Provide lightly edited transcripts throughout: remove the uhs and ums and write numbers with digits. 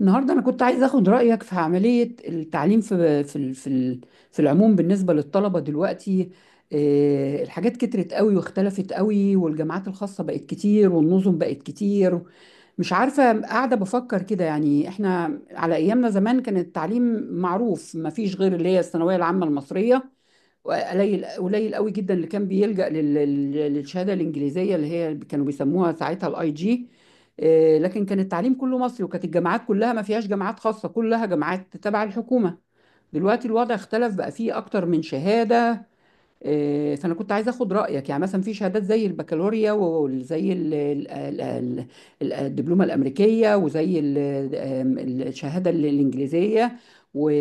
النهارده انا كنت عايز اخد رايك في عمليه التعليم في العموم بالنسبه للطلبه دلوقتي. الحاجات كترت قوي واختلفت قوي، والجامعات الخاصه بقت كتير، والنظم بقت كتير. مش عارفه، قاعده بفكر كده. يعني احنا على ايامنا زمان كان التعليم معروف، ما فيش غير اللي هي الثانويه العامه المصريه. قليل قليل قوي جدا اللي كان بيلجأ للشهاده الانجليزيه اللي هي كانوا بيسموها ساعتها الاي جي، لكن كان التعليم كله مصري، وكانت الجامعات كلها ما فيهاش جامعات خاصه، كلها جامعات تبع الحكومه. دلوقتي الوضع اختلف، بقى فيه اكتر من شهاده. فانا كنت عايزه اخد رايك، يعني مثلا في شهادات زي البكالوريا، وزي الدبلومه الامريكيه، وزي ال- آم، الشهاده الانجليزيه، و-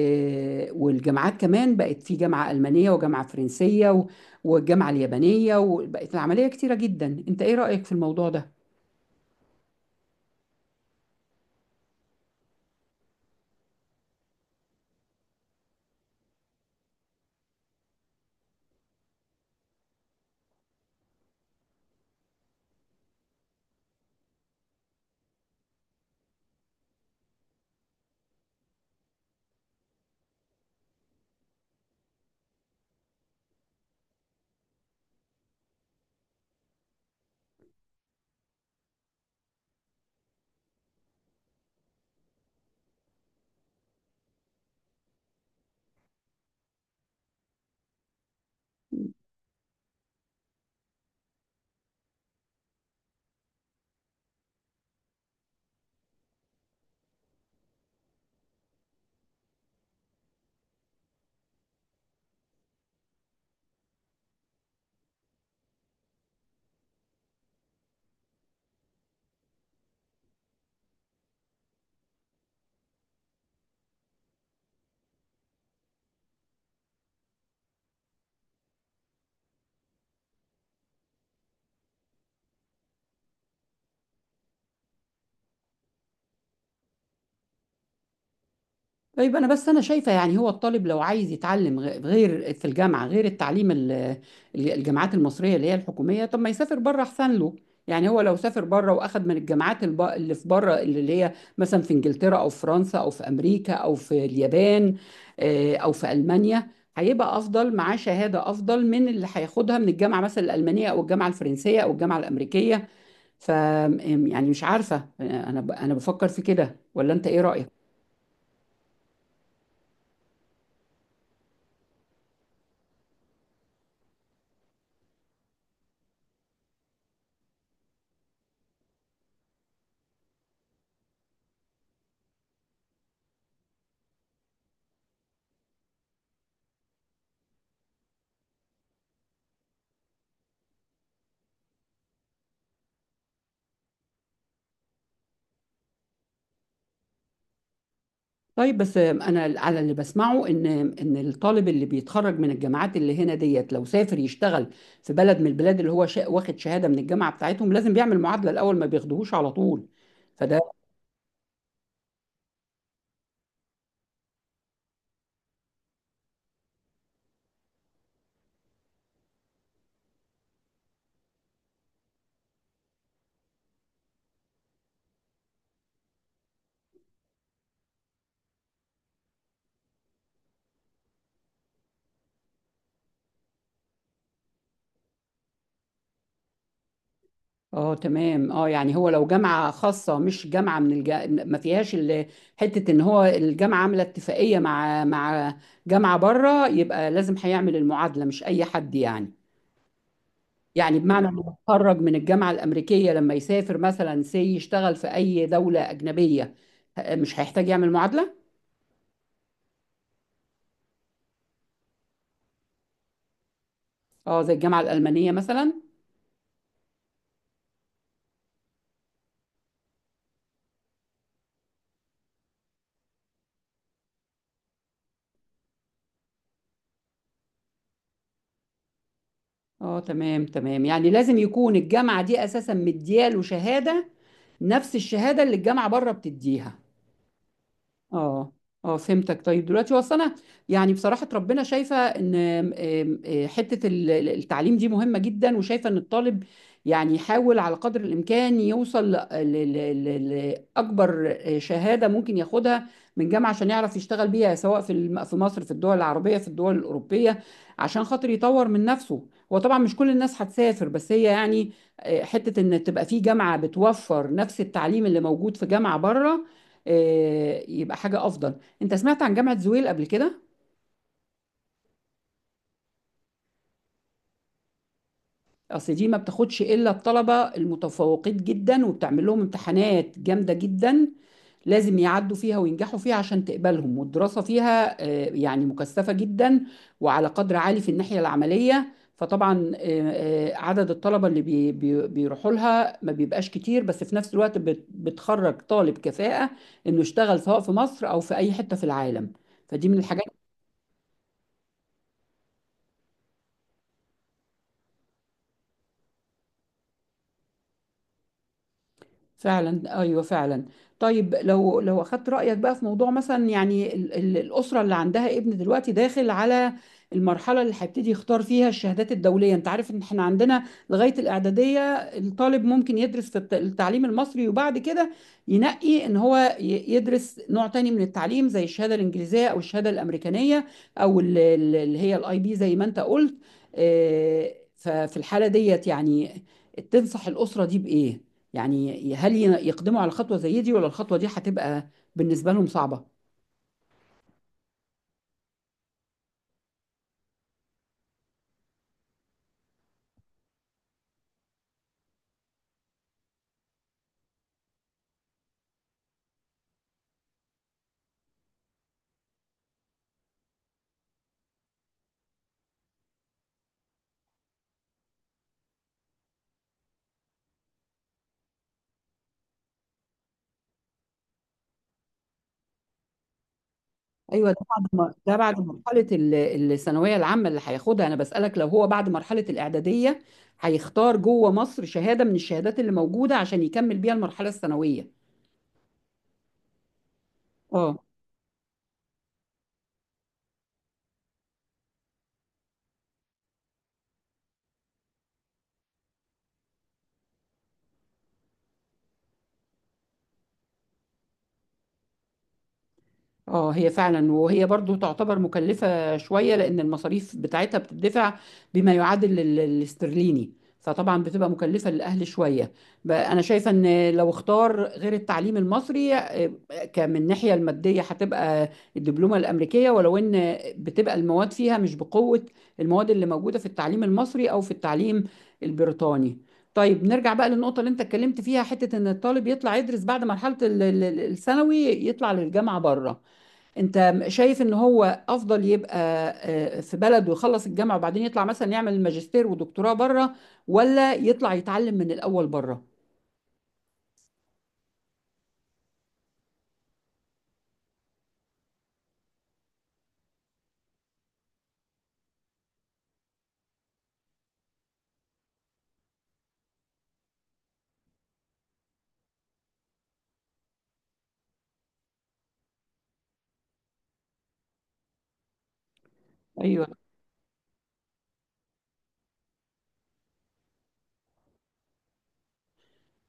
والجامعات كمان بقت في جامعه المانيه، وجامعه فرنسيه، والجامعه اليابانيه، وبقت العمليه كتيره جدا. انت ايه رايك في الموضوع ده؟ طيب، انا بس شايفه، يعني هو الطالب لو عايز يتعلم غير في الجامعه، غير التعليم الجامعات المصريه اللي هي الحكوميه، طب ما يسافر بره احسن له. يعني هو لو سافر بره واخد من الجامعات اللي في بره، اللي هي مثلا في انجلترا او في فرنسا او في امريكا او في اليابان، او في المانيا، هيبقى افضل، معاه شهاده افضل من اللي هياخدها من الجامعه مثلا الالمانيه او الجامعه الفرنسيه او الجامعه الامريكيه. ف يعني مش عارفه، انا بفكر في كده، ولا انت ايه رايك؟ طيب، بس انا على اللي بسمعه ان الطالب اللي بيتخرج من الجامعات اللي هنا ديت، لو سافر يشتغل في بلد من البلاد اللي هو واخد شهاده من الجامعه بتاعتهم، لازم بيعمل معادله الاول، ما بياخدوهوش على طول. فده اه، تمام. اه يعني هو لو جامعه خاصه، مش جامعه من الج... ما فيهاش ال... حته ان هو الجامعه عامله اتفاقيه مع جامعه بره، يبقى لازم هيعمل المعادله، مش اي حد يعني. يعني بمعنى انه متخرج من الجامعه الامريكيه، لما يسافر مثلا يشتغل في اي دوله اجنبيه مش هيحتاج يعمل معادله. اه زي الجامعه الالمانيه مثلا. اه تمام تمام. يعني لازم يكون الجامعه دي اساسا مدياله شهاده نفس الشهاده اللي الجامعه بره بتديها. اه. اه فهمتك. طيب دلوقتي هو أصل انا يعني بصراحه ربنا شايفه ان آم، آم، آه، حته التعليم دي مهمه جدا، وشايفه ان الطالب يعني يحاول على قدر الامكان يوصل لاكبر شهاده ممكن ياخدها من جامعه، عشان يعرف يشتغل بيها، سواء في في مصر، في الدول العربيه، في الدول الاوروبيه، عشان خاطر يطور من نفسه. هو طبعا مش كل الناس هتسافر، بس هي يعني، حته ان تبقى في جامعه بتوفر نفس التعليم اللي موجود في جامعه بره، يبقى حاجة أفضل. أنت سمعت عن جامعة زويل قبل كده؟ أصل دي ما بتاخدش إلا الطلبة المتفوقين جدا، وبتعمل لهم امتحانات جامدة جدا لازم يعدوا فيها وينجحوا فيها عشان تقبلهم. والدراسة فيها يعني مكثفة جدا، وعلى قدر عالي في الناحية العملية. فطبعا عدد الطلبة اللي بيروحوا لها ما بيبقاش كتير، بس في نفس الوقت بتخرج طالب كفاءة إنه يشتغل سواء في مصر أو في أي حتة في العالم. فدي من الحاجات. فعلا، ايوه فعلا. طيب لو اخدت رايك بقى في موضوع، مثلا يعني الاسره اللي عندها ابن دلوقتي داخل على المرحله اللي هيبتدي يختار فيها الشهادات الدوليه. انت عارف ان احنا عندنا لغايه الاعداديه الطالب ممكن يدرس في التعليم المصري، وبعد كده ينقي ان هو يدرس نوع تاني من التعليم، زي الشهاده الانجليزيه، او الشهاده الامريكانيه، او اللي هي الاي بي زي ما انت قلت. ففي الحاله ديت يعني تنصح الاسره دي بايه؟ يعني هل يقدموا على خطوة زي دي، ولا الخطوة دي هتبقى بالنسبة لهم صعبة؟ أيوه، ده بعد ما ده بعد مرحلة الثانوية العامة اللي هياخدها. أنا بسألك لو هو بعد مرحلة الإعدادية هيختار جوه مصر شهادة من الشهادات اللي موجودة عشان يكمل بيها المرحلة الثانوية. اه. اه هي فعلا، وهي برضو تعتبر مكلفة شوية لأن المصاريف بتاعتها بتدفع بما يعادل الاسترليني، فطبعا بتبقى مكلفة للأهل شوية. بقى أنا شايفة إن لو اختار غير التعليم المصري، كمن الناحية المادية هتبقى الدبلومة الأمريكية، ولو إن بتبقى المواد فيها مش بقوة المواد اللي موجودة في التعليم المصري أو في التعليم البريطاني. طيب نرجع بقى للنقطة اللي أنت اتكلمت فيها، حتة إن الطالب يطلع يدرس بعد مرحلة الثانوي، يطلع للجامعة بره. انت شايف ان هو افضل يبقى في بلد ويخلص الجامعة وبعدين يطلع مثلا يعمل ماجستير ودكتوراه بره، ولا يطلع يتعلم من الاول بره؟ ايوه.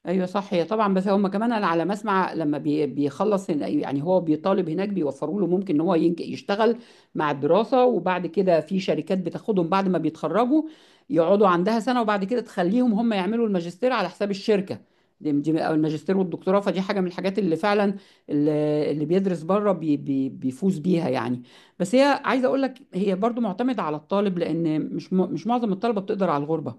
ايوه صح، هي طبعا. بس هم كمان انا على ما اسمع لما بيخلص هنا، يعني هو بيطالب هناك بيوفروا له، ممكن ان هو يشتغل مع الدراسه. وبعد كده في شركات بتاخدهم بعد ما بيتخرجوا يقعدوا عندها سنه، وبعد كده تخليهم هم يعملوا الماجستير على حساب الشركه دي، او الماجستير والدكتوراه. فدي حاجه من الحاجات اللي فعلا اللي بيدرس بره بي بي بيفوز بيها يعني. بس هي عايزه اقول لك هي برضو معتمده على الطالب، لان مش مش معظم الطلبه بتقدر على الغربه.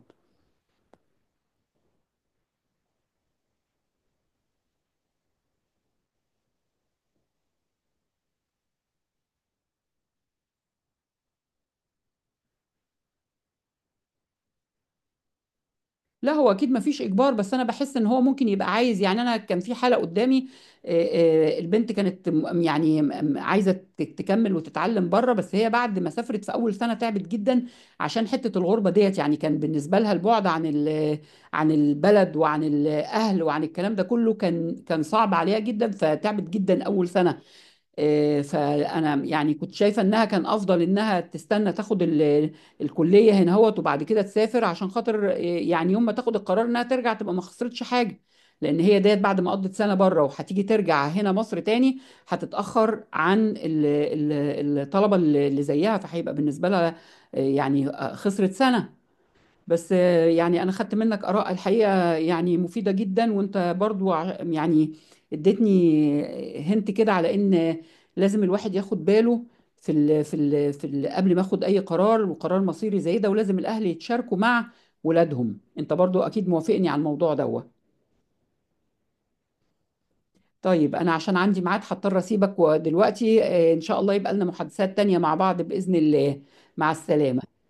لا هو اكيد مفيش اجبار، بس انا بحس ان هو ممكن يبقى عايز، يعني انا كان في حالة قدامي، البنت كانت عايزة تكمل وتتعلم بره، بس هي بعد ما سافرت في اول سنة تعبت جدا عشان حتة الغربة ديت. يعني كان بالنسبة لها البعد عن عن البلد وعن الاهل وعن الكلام ده كله كان صعب عليها جدا، فتعبت جدا اول سنة. فانا يعني كنت شايفه انها كان افضل انها تستنى تاخد الكليه هنا هوت، وبعد كده تسافر، عشان خاطر يعني يوم ما تاخد القرار انها ترجع تبقى ما خسرتش حاجه، لان هي ديت بعد ما قضت سنه بره وهتيجي ترجع هنا مصر تاني هتتاخر عن الطلبه اللي زيها، فهيبقى بالنسبه لها خسرت سنه. بس يعني انا خدت منك اراء الحقيقه يعني مفيده جدا، وانت برضو يعني اديتني هنت كده على ان لازم الواحد ياخد باله في ال قبل ما اخد اي قرار، وقرار مصيري زي ده، ولازم الاهل يتشاركوا مع ولادهم. انت برضو اكيد موافقني على الموضوع دوت. طيب انا عشان عندي ميعاد هضطر اسيبك ودلوقتي. ان شاء الله يبقى لنا محادثات تانية مع بعض باذن الله. مع السلامه.